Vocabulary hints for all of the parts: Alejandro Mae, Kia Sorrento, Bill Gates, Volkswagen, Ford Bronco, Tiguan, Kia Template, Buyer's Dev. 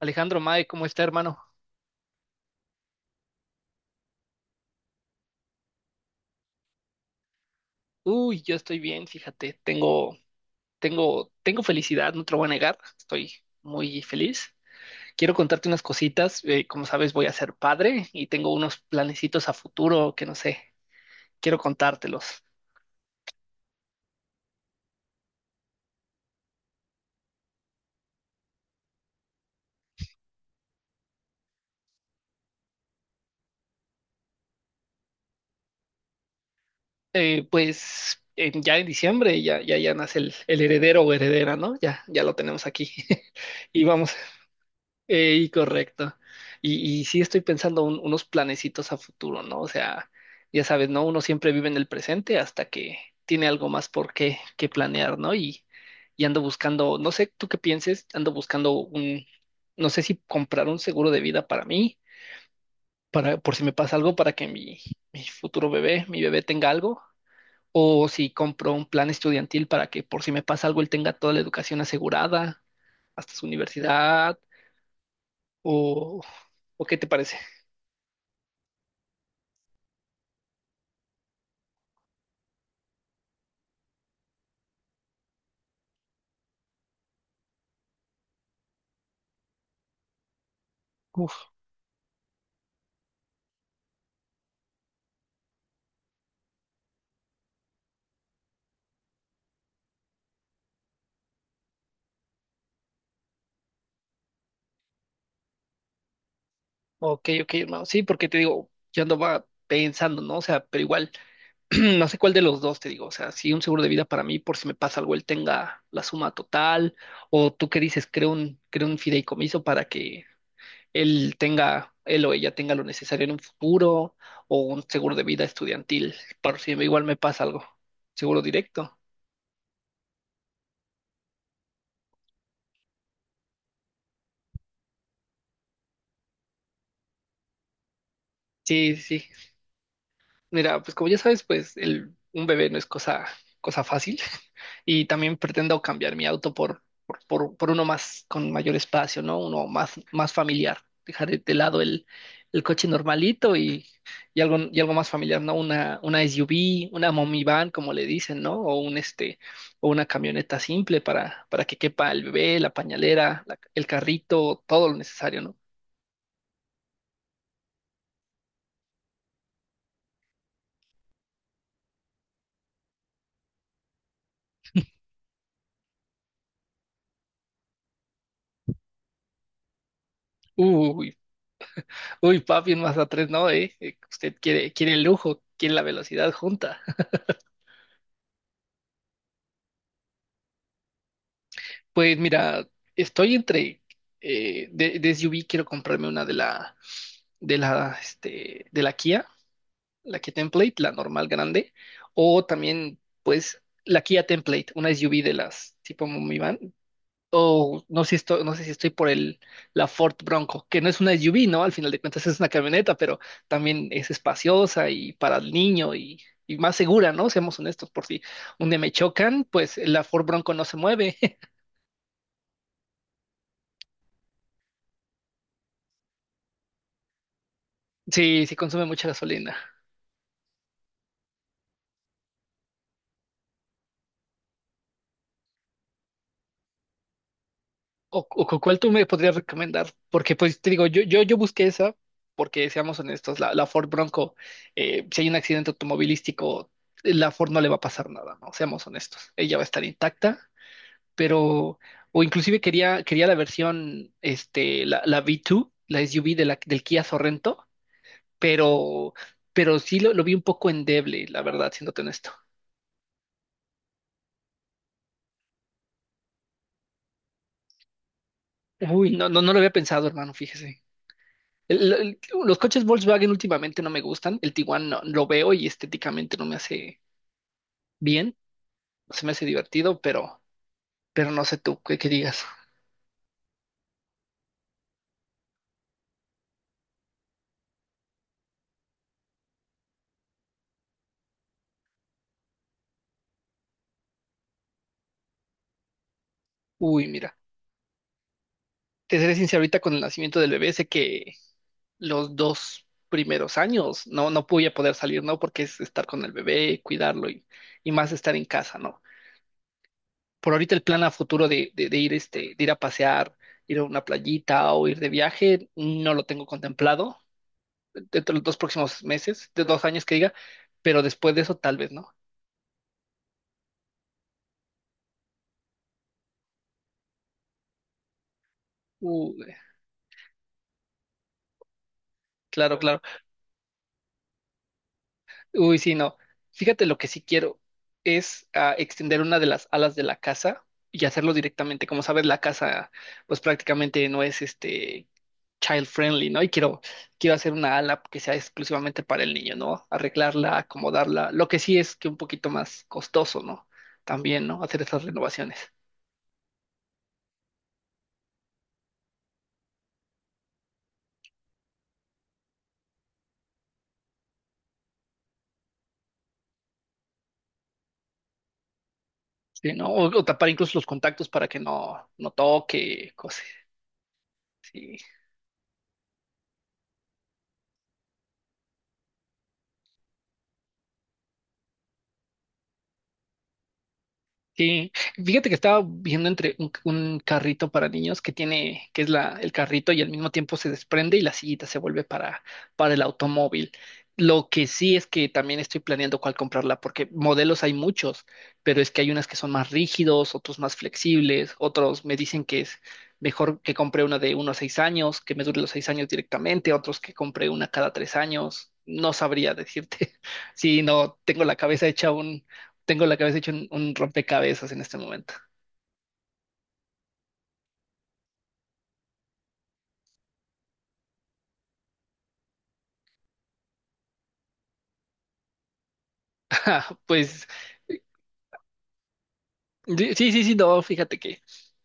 Alejandro Mae, ¿cómo está, hermano? Uy, yo estoy bien, fíjate, tengo, tengo felicidad, no te lo voy a negar, estoy muy feliz. Quiero contarte unas cositas, como sabes, voy a ser padre y tengo unos planecitos a futuro que no sé, quiero contártelos. Pues en- ya en diciembre ya, ya, ya nace el heredero o heredera, ¿no? Ya, ya lo tenemos aquí. Y vamos, ey, correcto. Y sí estoy pensando un- unos planecitos a futuro, ¿no? O sea, ya sabes, ¿no? Uno siempre vive en el presente hasta que tiene algo más por qué, que planear, ¿no? Y ando buscando, no sé tú qué pienses, ando buscando un, no sé si comprar un seguro de vida para mí, para, por si me pasa algo, para que mi futuro bebé, mi bebé tenga algo, o si compro un plan estudiantil para que por si me pasa algo, él tenga toda la educación asegurada, hasta su universidad, o, ¿o qué te parece? Uf, ok, ok, hermano. Sí, porque te digo, yo andaba pensando, ¿no? O sea, pero igual, no sé cuál de los dos te digo. O sea, sí un seguro de vida para mí, por si me pasa algo, él tenga la suma total, o tú qué dices, creo un fideicomiso para que él tenga, él o ella tenga lo necesario en un futuro, o un seguro de vida estudiantil, por si igual me pasa algo. Seguro directo. Sí, sí, sí. Mira, pues como ya sabes, pues el, un bebé no es cosa, cosa fácil. Y también pretendo cambiar mi auto por uno más con mayor espacio, ¿no? Uno más, más familiar, dejar de lado el coche normalito y algo más familiar, ¿no? Una SUV, una mommy van, como le dicen, ¿no? O un este, o una camioneta simple para que quepa el bebé, la pañalera, la- el carrito, todo lo necesario, ¿no? Uy. Uy, papi, en Mazda 3 no, ¿eh? Usted quiere, quiere el lujo, quiere la velocidad junta. Pues mira, estoy entre, de SUV quiero comprarme una de la, este, de la Kia Template, la normal grande, o también, pues, la Kia Template, una SUV de las tipo minivan, o no sé si estoy, no sé si estoy por el, la Ford Bronco, que no es una SUV, ¿no? Al final de cuentas es una camioneta, pero también es espaciosa y para el niño y más segura, ¿no? Seamos honestos, por si un día me chocan, pues la Ford Bronco no se mueve. Sí, sí consume mucha gasolina. O cu- cuál tú me podrías recomendar, porque pues te digo, yo busqué esa, porque seamos honestos, la, la Ford Bronco, si hay un accidente automovilístico, la Ford no le va a pasar nada, ¿no? Seamos honestos, ella va a estar intacta pero, o inclusive quería, quería la versión, este, la, la V2, la SUV de la, del Kia Sorrento, pero, pero sí lo vi un poco endeble, la verdad, siéndote honesto. Uy, no, no, no lo había pensado, hermano, fíjese. El- los coches Volkswagen últimamente no me gustan, el Tiguan no, lo veo y estéticamente no me hace bien, no se me hace divertido, pero no sé tú, ¿qué, qué digas? Uy, mira, te seré sincero, ahorita con el nacimiento del bebé, sé que los 2 primeros años no, no voy a poder salir, ¿no? Porque es estar con el bebé, cuidarlo y más estar en casa, ¿no? Por ahorita el plan a futuro de ir, este, de ir a pasear, ir a una playita o ir de viaje, no lo tengo contemplado dentro de los dos próximos meses, de 2 años que diga, pero después de eso tal vez, ¿no? Uh, claro, claro. Uy, sí, no. Fíjate lo que sí quiero es extender una de las alas de la casa y hacerlo directamente. Como sabes, la casa pues prácticamente no es este child friendly, ¿no? Y quiero, quiero hacer una ala que sea exclusivamente para el niño, ¿no? Arreglarla, acomodarla. Lo que sí es que un poquito más costoso, ¿no? También, ¿no? Hacer esas renovaciones. Sí, ¿no? O tapar incluso los contactos para que no, no toque, cosas. Sí, fíjate que estaba viendo entre un carrito para niños que tiene, que es la, el carrito y al mismo tiempo se desprende y la sillita se vuelve para el automóvil. Lo que sí es que también estoy planeando cuál comprarla, porque modelos hay muchos, pero es que hay unas que son más rígidos, otros más flexibles, otros me dicen que es mejor que compre una de uno a 6 años, que me dure los 6 años directamente, otros que compre una cada 3 años. No sabría decirte si no tengo la cabeza hecha, tengo la cabeza hecha un rompecabezas en este momento. Pues sí, sí, sí, no, fíjate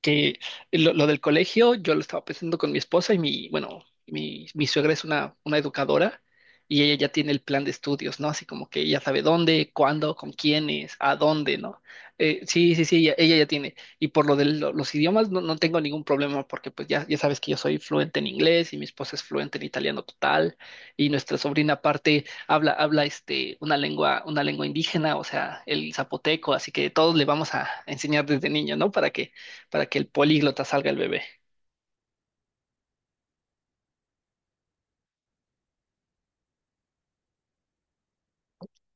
que lo del colegio, yo lo estaba pensando con mi esposa y mi, bueno, mi suegra es una educadora y ella ya tiene el plan de estudios, ¿no? Así como que ella sabe dónde, cuándo, con quiénes, a dónde, ¿no? Sí, sí, sí, ella ya tiene. Y por lo de lo- los idiomas no, no tengo ningún problema porque pues ya, ya sabes que yo soy fluente en inglés y mi esposa es fluente en italiano total y nuestra sobrina aparte habla, habla este, una lengua indígena, o sea, el zapoteco, así que todos le vamos a enseñar desde niño, ¿no? Para que el políglota salga el bebé.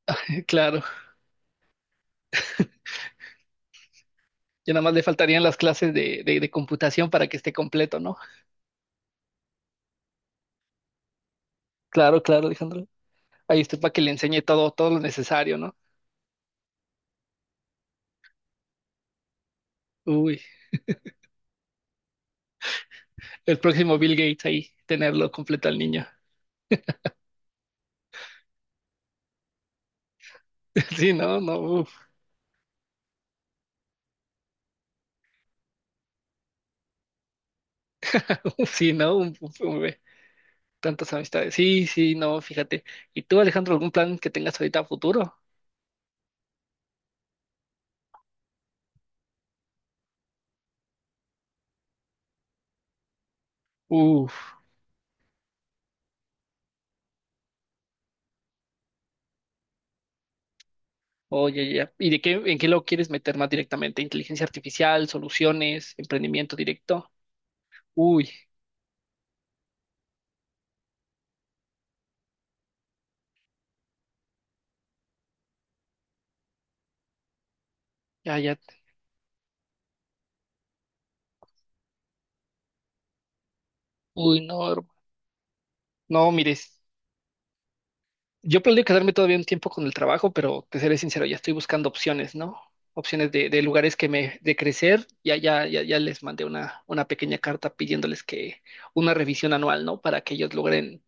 Claro, ya nada más le faltarían las clases de computación para que esté completo, ¿no? Claro, claro, Alejandro. Ahí estoy para que le enseñe todo, todo lo necesario, ¿no? Uy, el próximo Bill Gates ahí, tenerlo completo al niño. Sí, no, no, uf. Sí, no, un bebé. Tantas amistades. Sí, sí, no, fíjate. ¿Y tú, Alejandro, algún plan que tengas ahorita a futuro? Uf, oye, ya. ¿Y de qué, en qué lo quieres meter más directamente? ¿Inteligencia artificial, soluciones, emprendimiento directo? Uy, ya, ya. Uy, no, hermano. No, mires, yo planeo quedarme todavía un tiempo con el trabajo, pero te seré sincero, ya estoy buscando opciones, ¿no? Opciones de lugares que me, de crecer. Ya, ya, ya, ya les mandé una pequeña carta pidiéndoles que una revisión anual, ¿no? Para que ellos logren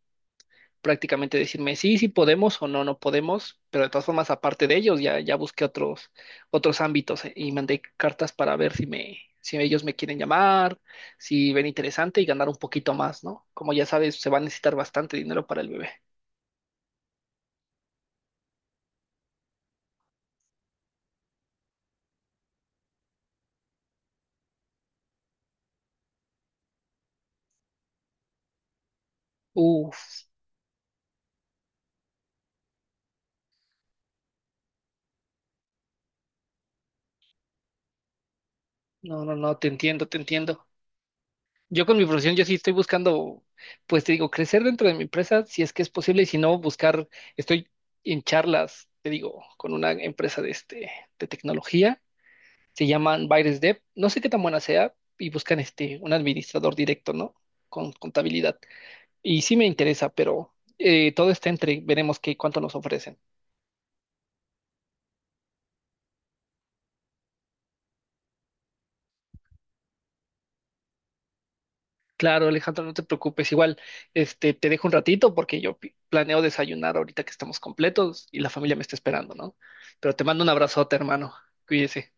prácticamente decirme sí, sí podemos o no, no podemos, pero de todas formas, aparte de ellos, ya, ya busqué otros, otros ámbitos, y mandé cartas para ver si me, si ellos me quieren llamar, si ven interesante y ganar un poquito más, ¿no? Como ya sabes, se va a necesitar bastante dinero para el bebé. Uf, no, no, no, te entiendo, te entiendo. Yo con mi profesión, yo sí estoy buscando, pues te digo, crecer dentro de mi empresa, si es que es posible, y si no, buscar, estoy en charlas, te digo, con una empresa de este, de tecnología. Se llaman Buyer's Dev. No sé qué tan buena sea y buscan este, un administrador directo, ¿no? Con contabilidad. Y sí me interesa, pero todo está entre, veremos qué, cuánto nos ofrecen. Claro, Alejandro, no te preocupes. Igual, este, te dejo un ratito porque yo pi- planeo desayunar ahorita que estamos completos y la familia me está esperando, ¿no? Pero te mando un abrazote, hermano. Cuídese.